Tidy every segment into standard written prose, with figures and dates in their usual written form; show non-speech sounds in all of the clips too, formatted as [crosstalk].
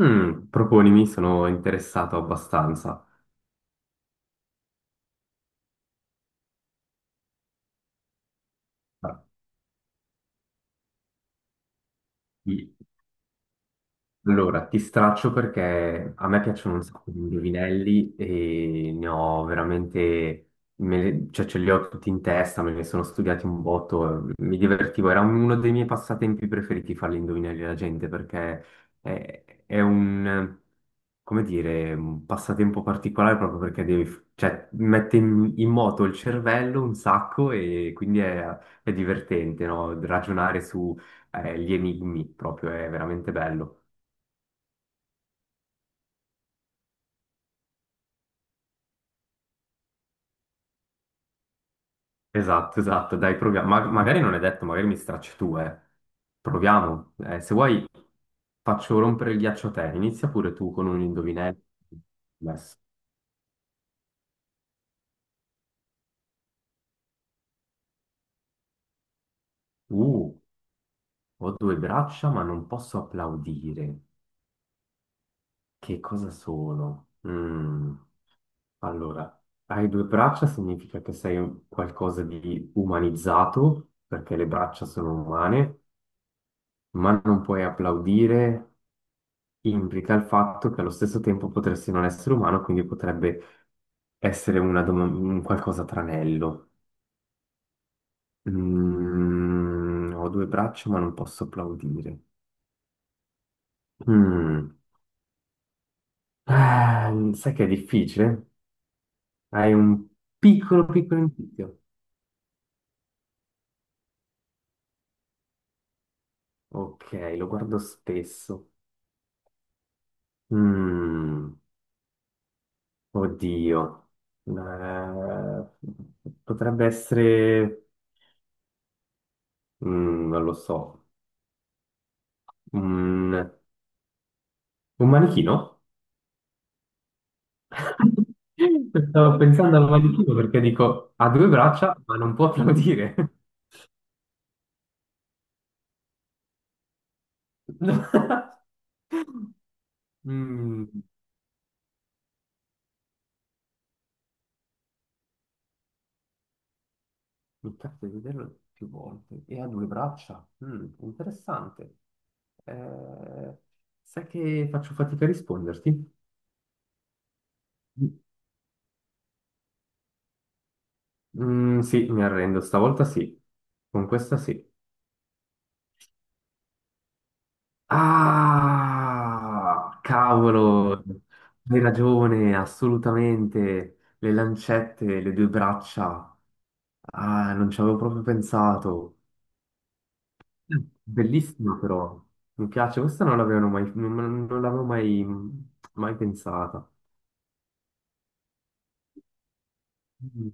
Mm, proponimi, sono interessato abbastanza. Sì. Allora, ti straccio perché a me piacciono un sacco di indovinelli e ne ho veramente, cioè ce li ho tutti in testa, me ne sono studiati un botto, mi divertivo, era uno dei miei passatempi preferiti fare gli indovinelli alla gente perché è un, come dire, un passatempo particolare proprio perché devi, cioè, mette in moto il cervello un sacco e quindi è divertente, no? Ragionare su gli enigmi proprio è veramente bello. Esatto, esatto, dai, proviamo. Magari non è detto, magari mi stracci tu, eh. Proviamo. Se vuoi faccio rompere il ghiaccio a te. Inizia pure tu con un indovinello. Adesso. Uh, Ho due braccia ma non posso applaudire. Che cosa sono? Mm. Allora, hai due braccia significa che qualcosa di umanizzato, perché le braccia sono umane, ma non puoi applaudire, implica il fatto che allo stesso tempo potresti non essere umano, quindi potrebbe essere un qualcosa tranello. Mm, ho due braccia, ma non posso applaudire. Mm. Sai che è difficile? Hai un piccolo, piccolo indizio. Ok, lo guardo spesso. Mm. Oddio, eh, potrebbe essere, mm, non lo so, un un manichino? [laughs] Stavo pensando al manichino perché dico, ha due braccia, ma non può applaudire. [laughs] Mm, mi capita di vederlo più volte e ha due braccia. Mm, interessante. Eh, sai che faccio fatica a risponderti? Mm, sì, mi arrendo, stavolta sì, con questa sì. Ah, cavolo, hai ragione, assolutamente. Le lancette, le due braccia. Ah, non ci avevo proprio pensato. Mm. Bellissima però. Mi piace, questa non l'avevano mai, non l'avevo mai, mai pensata. Mm.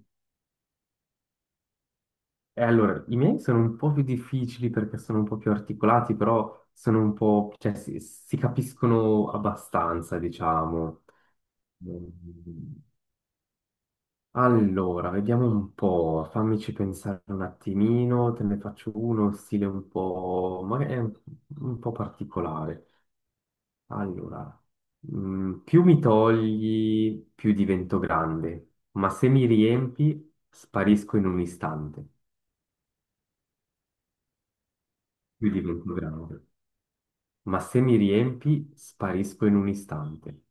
E allora, i miei sono un po' più difficili perché sono un po' più articolati, però sono un po', cioè si capiscono abbastanza, diciamo. Mm. Allora, vediamo un po', fammici pensare un attimino, te ne faccio uno, stile un po', magari un po' particolare. Allora, mm, più mi togli, più divento grande, ma se mi riempi, sparisco in un istante. Più divento grande, ma se mi riempi, sparisco in un istante.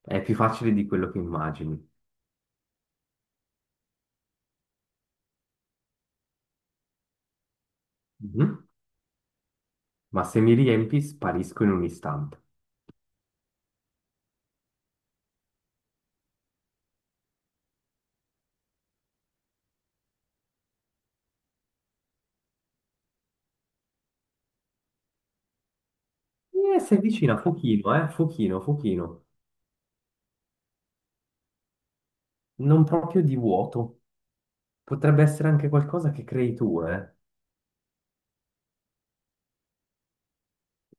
È più facile di quello che immagini. Mhm. Ma se mi riempi, sparisco in un istante. Sei vicina, pochino, pochino, pochino. Non proprio di vuoto. Potrebbe essere anche qualcosa che crei tu, eh.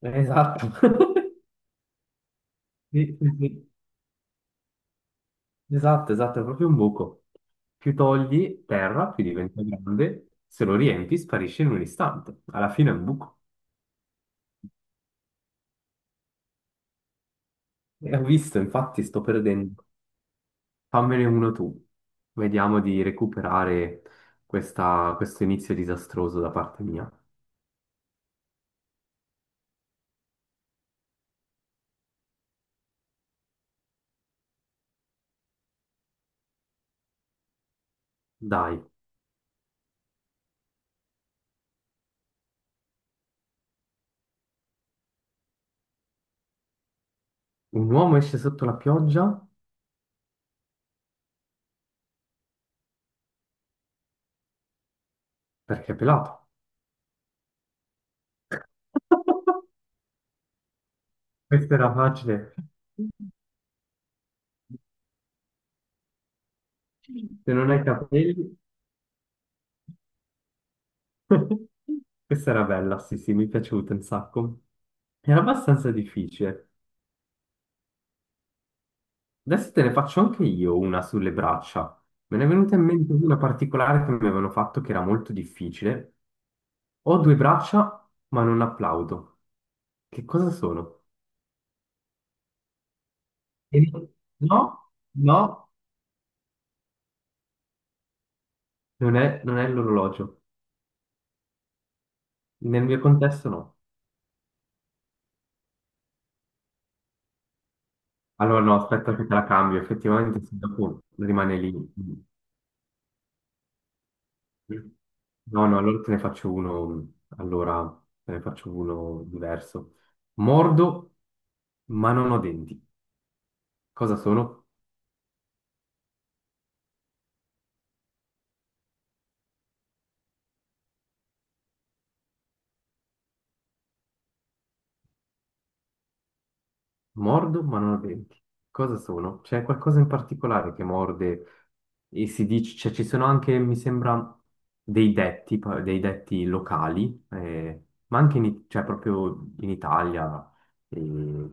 Esatto. [laughs] Sì, sì, sì. Esatto, esatto, è proprio un buco. Più togli terra, più diventa grande, se lo riempi sparisce in un istante. Alla fine è un buco. E ho visto, infatti, sto perdendo. Fammene uno tu. Vediamo di recuperare questo inizio disastroso da parte mia. Dai, un uomo esce sotto la pioggia perché è pelato. Questa era facile. Se non hai capelli... [laughs] Questa era bella, sì, sì, mi è piaciuta un sacco. Era abbastanza difficile. Adesso te ne faccio anche io una sulle braccia. Me ne è venuta in mente una particolare che mi avevano fatto che era molto difficile. Ho due braccia, ma non applaudo. Che cosa sono? E- No, no, non è l'orologio. Nel mio contesto no. Allora no, aspetta che te la cambio, effettivamente se dopo rimane lì. No, no, allora te ne faccio uno diverso. Mordo, ma non ho denti. Cosa sono? Mordo, ma non ho denti. Cosa sono? C'è qualcosa in particolare che morde e si dice, cioè ci sono anche, mi sembra, dei detti, dei detti locali, ma anche cioè, proprio in Italia. Eh, mm,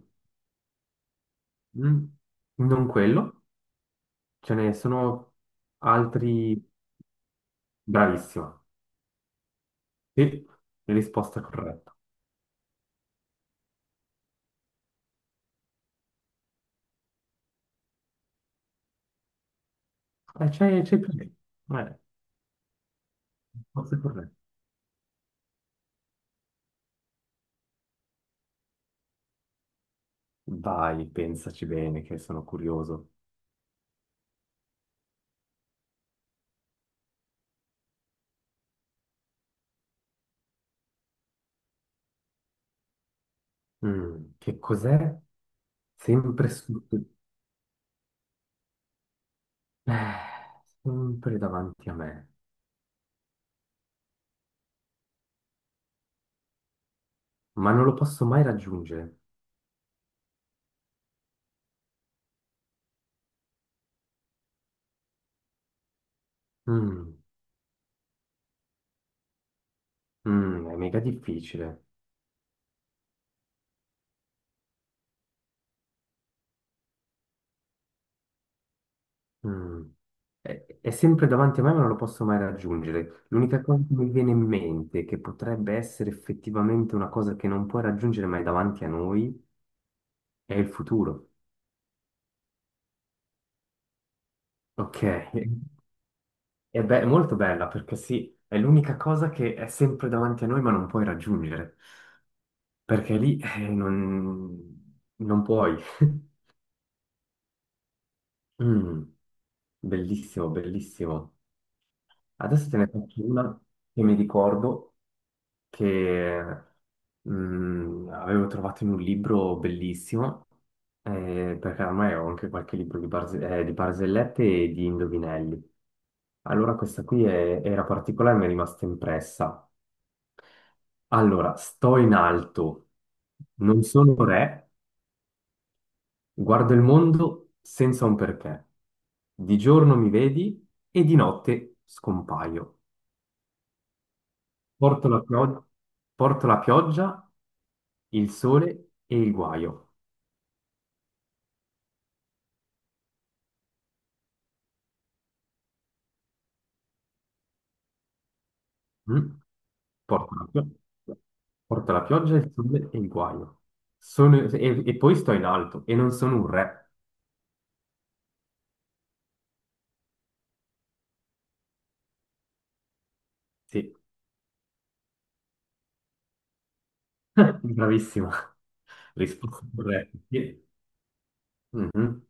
non quello, ce ne sono altri, bravissimo. Sì, risposta corretta. C'hai più lì. Eh, risposta corretta. Vai, pensaci bene, che sono curioso. Mm, che cos'è? Sempre su... eh, sempre davanti a me, ma non lo posso mai raggiungere. Mm, mm, è mega difficile. Mm. È sempre davanti a me, ma non lo posso mai raggiungere. L'unica cosa che mi viene in mente, che potrebbe essere effettivamente una cosa che non puoi raggiungere, ma è davanti a noi, è il futuro. Ok, è molto bella perché sì, è l'unica cosa che è sempre davanti a noi ma non puoi raggiungere, perché lì non puoi. [laughs] Mm, bellissimo, bellissimo. Adesso te ne faccio una che mi ricordo che mm, avevo trovato in un libro bellissimo, perché ormai ho anche qualche libro di, di barzellette e di indovinelli. Allora questa qui era particolare e mi è rimasta impressa. Allora, sto in alto, non sono re, guardo il mondo senza un perché. Di giorno mi vedi e di notte scompaio. Porto la pioggia, porto la pioggia, il sole e il guaio. Mm? Porto la pioggia, porto la pioggia, il sole e il guaio. Sono- e poi sto in alto e non sono un re. Sì, [laughs] bravissima, risposta corretta. Sì. Mhm.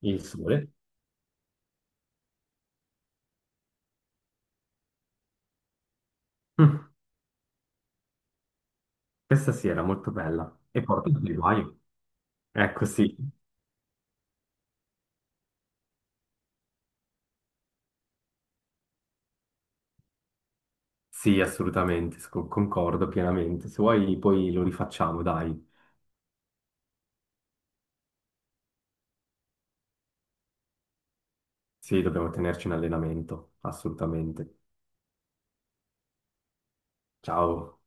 Il sole. Mm. Questa sì era molto bella e porta dei guai. Ecco, sì, sì, assolutamente, concordo pienamente. Se vuoi poi lo rifacciamo, dai. Sì, dobbiamo tenerci in allenamento, assolutamente. Ciao.